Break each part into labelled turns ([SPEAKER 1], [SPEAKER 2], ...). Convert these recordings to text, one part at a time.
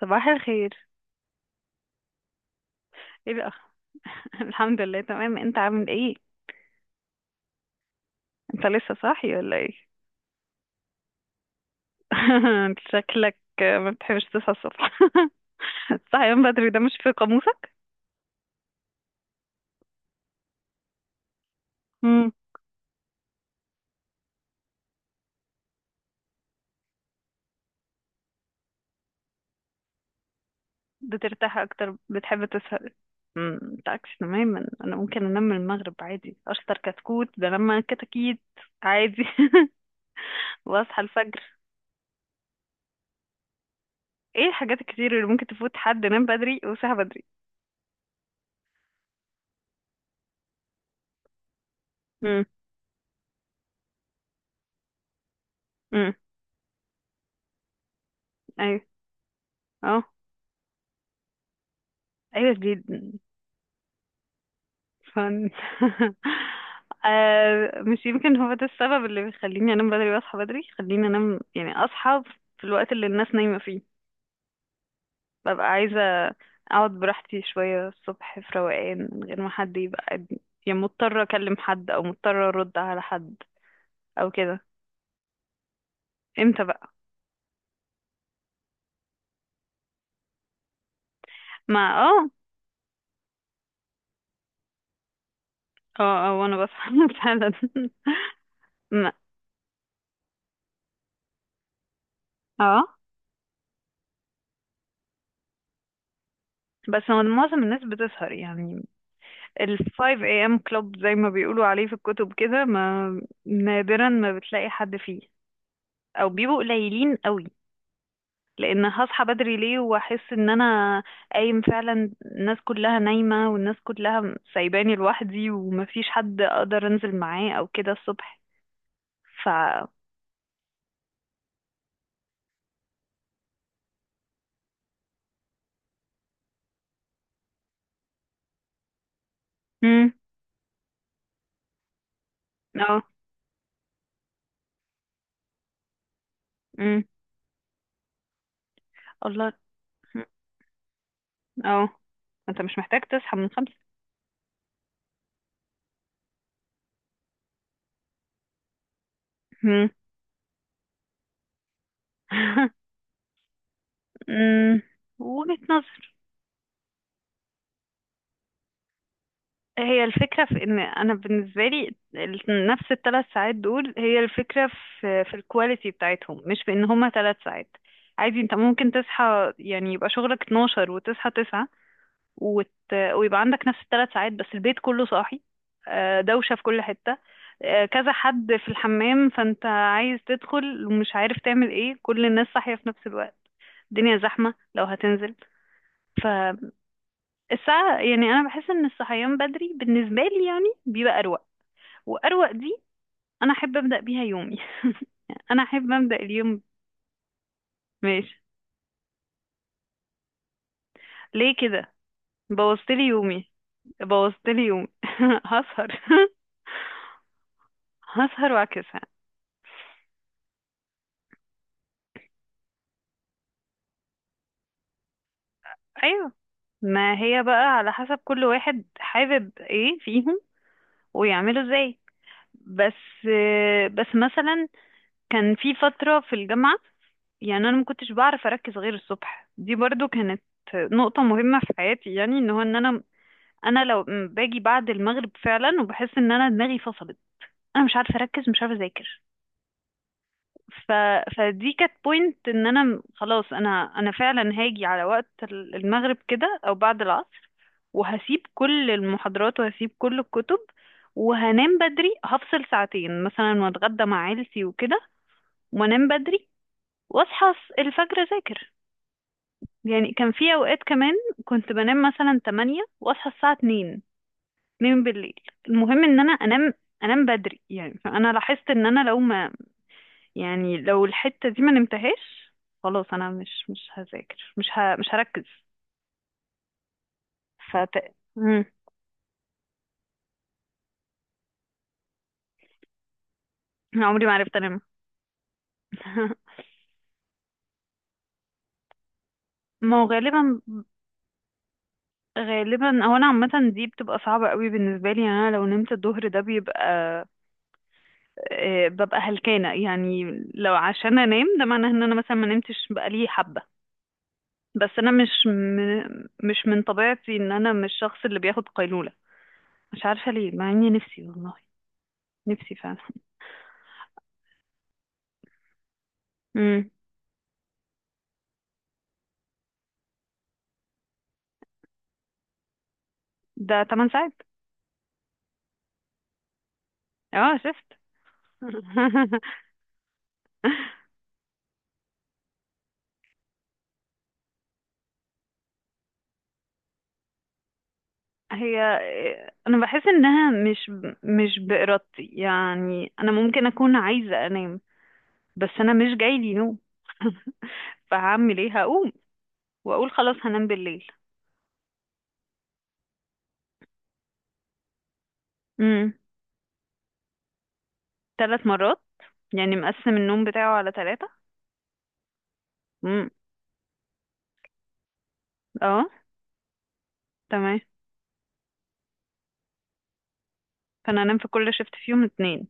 [SPEAKER 1] صباح الخير. ايه بقى؟ الحمد لله، تمام. انت عامل ايه؟ انت لسه صاحي ولا ايه؟ انت شكلك ما بتحبش تصحى الصبح. الصحيان بدري ده مش في قاموسك. امم. بترتاح اكتر؟ بتحب تسهر؟ انت عكس تماما، انا ممكن انام من المغرب عادي، اشطر كتكوت بنام كتاكيت عادي. واصحى الفجر. ايه الحاجات الكتير اللي ممكن تفوت حد نام بدري وصحى بدري؟ امم. امم. ايوه. اه. ايوه دي فن. آه، مش يمكن هو ده السبب اللي بيخليني انام بدري واصحى بدري. خليني انام يعني اصحى في الوقت اللي الناس نايمة فيه. ببقى عايزة اقعد براحتي شوية الصبح في روقان من غير ما حد يبقى يعني مضطرة اكلم حد او مضطرة ارد على حد او كده. امتى بقى؟ ما اه. اه. اه وانا بصحى فعلا. ما- اه. بس هو معظم الناس بتسهر، يعني ال 5 a.m. club زي ما بيقولوا عليه في الكتب كده، ما نادرا ما بتلاقي حد فيه، او بيبقوا قليلين قوي. لان هصحى بدري ليه واحس ان انا قايم فعلا الناس كلها نايمة والناس كلها سايباني لوحدي ومفيش حد اقدر انزل معاه او كده الصبح. ف مم. اه. مم. الله. مم. اه، انت مش محتاج تصحى من خمسة. مم. مم. وجهة نظر. هي الفكرة في ان انا بالنسبة لي نفس الثلاث ساعات دول هي الفكرة في الكواليتي بتاعتهم، مش في ان هما ثلاث ساعات. عادي انت ممكن تصحى يعني يبقى شغلك 12 وتصحى 9 وت... ويبقى عندك نفس الثلاث ساعات، بس البيت كله صاحي، آه، دوشة في كل حتة، آه، كذا حد في الحمام فانت عايز تدخل ومش عارف تعمل ايه، كل الناس صاحية في نفس الوقت، الدنيا زحمة لو هتنزل. فالساعة يعني أنا بحس إن الصحيان بدري بالنسبة لي يعني بيبقى أروق، واروق دي انا احب ابدا بيها يومي. انا احب ابدا اليوم. ماشي. ليه كده؟ بوظتلي يومي. بوظتلي يومي. هسهر. هسهر واعكسها. ايوه. ما هي بقى على حسب كل واحد حابب ايه فيهم ويعمله ازاي. بس بس مثلا كان في فترة في الجامعة، يعني انا ما كنتش بعرف اركز غير الصبح، دي برضو كانت نقطة مهمة في حياتي، يعني ان هو ان انا لو باجي بعد المغرب فعلا وبحس ان انا دماغي فصلت، انا مش عارفه اركز مش عارفه اذاكر. ف... فدي كانت بوينت ان انا خلاص انا فعلا هاجي على وقت المغرب كده او بعد العصر، وهسيب كل المحاضرات وهسيب كل الكتب، وهنام بدري هفصل ساعتين مثلا واتغدى مع عيلتي وكده، وانام بدري واصحى الفجر اذاكر. يعني كان في اوقات كمان كنت بنام مثلا 8 واصحى الساعه 2، اتنين بالليل. المهم ان انا انام، انام بدري. يعني فانا لاحظت ان انا لو ما، يعني لو الحتة دي ما نمتهاش، خلاص انا مش هذاكر مش هركز. فت... مم. عمري ما عرفت انام. ما هو غالبا، غالبا هو انا عامة دي بتبقى صعبة قوي بالنسبة لي، يعني انا لو نمت الظهر ده بيبقى آه، ببقى هلكانة يعني، لو عشان انام ده معناه ان انا مثلا ما نمتش بقالي حبة. بس انا مش من طبيعتي ان انا مش الشخص اللي بياخد قيلولة. مش عارفة ليه، مع اني نفسي والله، نفسي فعلا. امم. ده 8 ساعات. اه شفت. هي انا بحس انها مش بارادتي، يعني انا ممكن اكون عايزة انام بس انا مش جايلي نوم. فهعمل ايه؟ هقوم واقول خلاص هنام بالليل. امم. ثلاث مرات؟ يعني مقسم النوم بتاعه على ثلاثة. امم. اه. تمام. فانا انام في كل شفت فيهم اتنين؟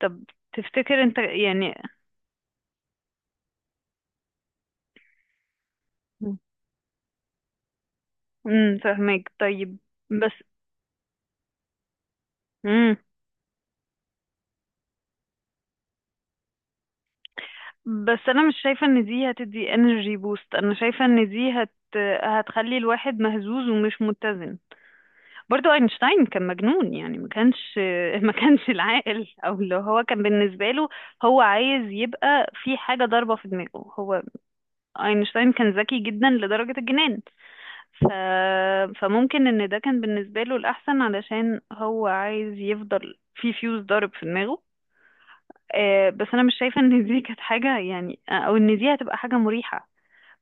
[SPEAKER 1] طب تفتكر انت يعني. فاهمك، طيب. بس. امم. بس انا مش شايفه ان دي هتدي انرجي بوست، انا شايفه ان دي هتخلي الواحد مهزوز ومش متزن. برضو اينشتاين كان مجنون، يعني ما كانش ما كانش العاقل، او اللي هو كان بالنسبه له هو عايز يبقى في حاجه ضاربه في دماغه هو. اينشتاين كان ذكي جدا لدرجه الجنان. ف... فممكن ان ده كان بالنسبه له الاحسن علشان هو عايز يفضل في فيوز ضارب في دماغه. آه، بس انا مش شايفه ان دي كانت حاجه يعني، او ان دي هتبقى حاجه مريحه.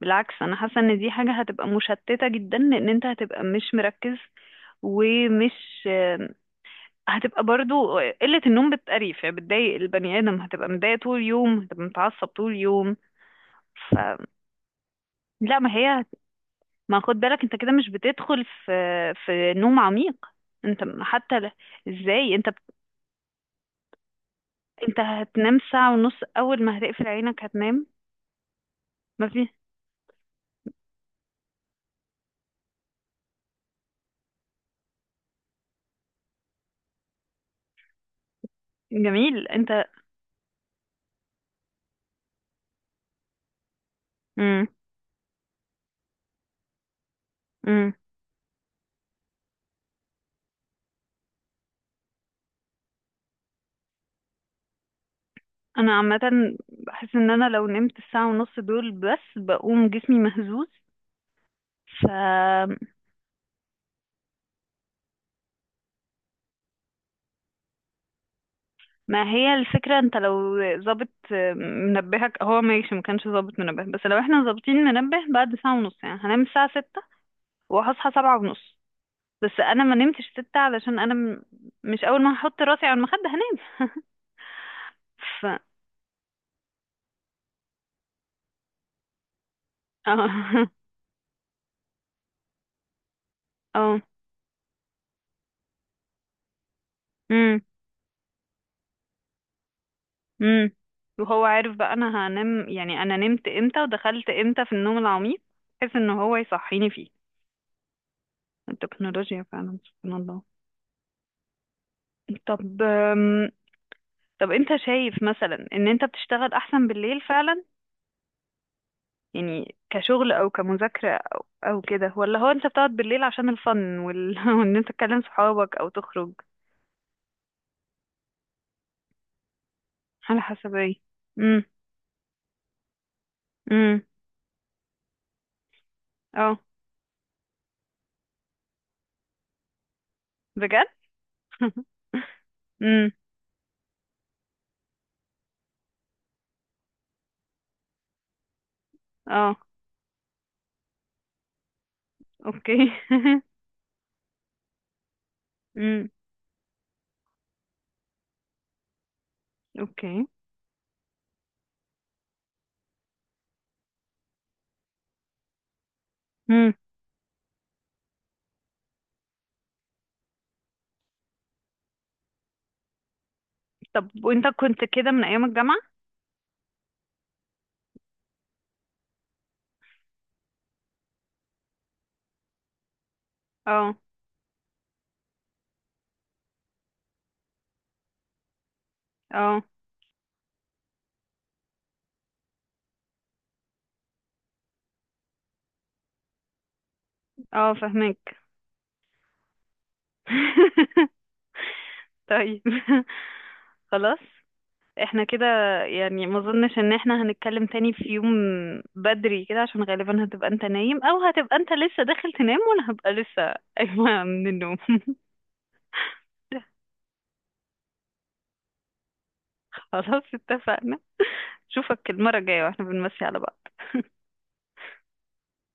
[SPEAKER 1] بالعكس، انا حاسه ان دي حاجه هتبقى مشتته جدا لان انت هتبقى مش مركز ومش آه، هتبقى برضو قله النوم بتقريف، يعني بتضايق البني ادم، هتبقى متضايق طول اليوم، هتبقى متعصب طول اليوم. ف لا. ما هي، ما خد بالك انت كده مش بتدخل في نوم عميق. انت حتى ازاي انت انت هتنام ساعه ونص اول ما هتقفل عينك هتنام. ما في جميل انت. امم امم انا عامه بحس ان انا لو نمت الساعه ونص دول بس بقوم جسمي مهزوز. ف ما هي الفكره، انت لو ظابط منبهك هو ماشي، ما كانش ظابط منبه، بس لو احنا ظابطين منبه بعد ساعه ونص يعني هنام الساعه ستة وهصحى سبعة ونص. بس انا ما نمتش ستة علشان انا مش اول ما هحط راسي على المخده هنام. ف اه. اه. امم. وهو عارف بقى انا هنام، يعني انا نمت امتى ودخلت امتى في النوم العميق بحيث ان هو يصحيني فيه. التكنولوجيا فعلا سبحان الله. طب طب انت شايف مثلا ان انت بتشتغل احسن بالليل فعلا، يعني كشغل او كمذاكرة او كده، ولا هو انت بتقعد بالليل عشان الفن وان انت تكلم صحابك او تخرج؟ على حسب ايه؟ امم. امم. اه. بجد. امم. اه. اوكي. امم. اوكي. طب وانت كنت كده من ايام الجامعة؟ اه. اه. اه فهمك. طيب. خلاص. احنا كده يعني، ما اظنش ان احنا هنتكلم تاني في يوم بدري كده، عشان غالبا هتبقى انت نايم او هتبقى انت لسه داخل تنام وانا هبقى لسه قايمة من النوم. خلاص اتفقنا. اشوفك المرة الجاية واحنا بنمسي على بعض.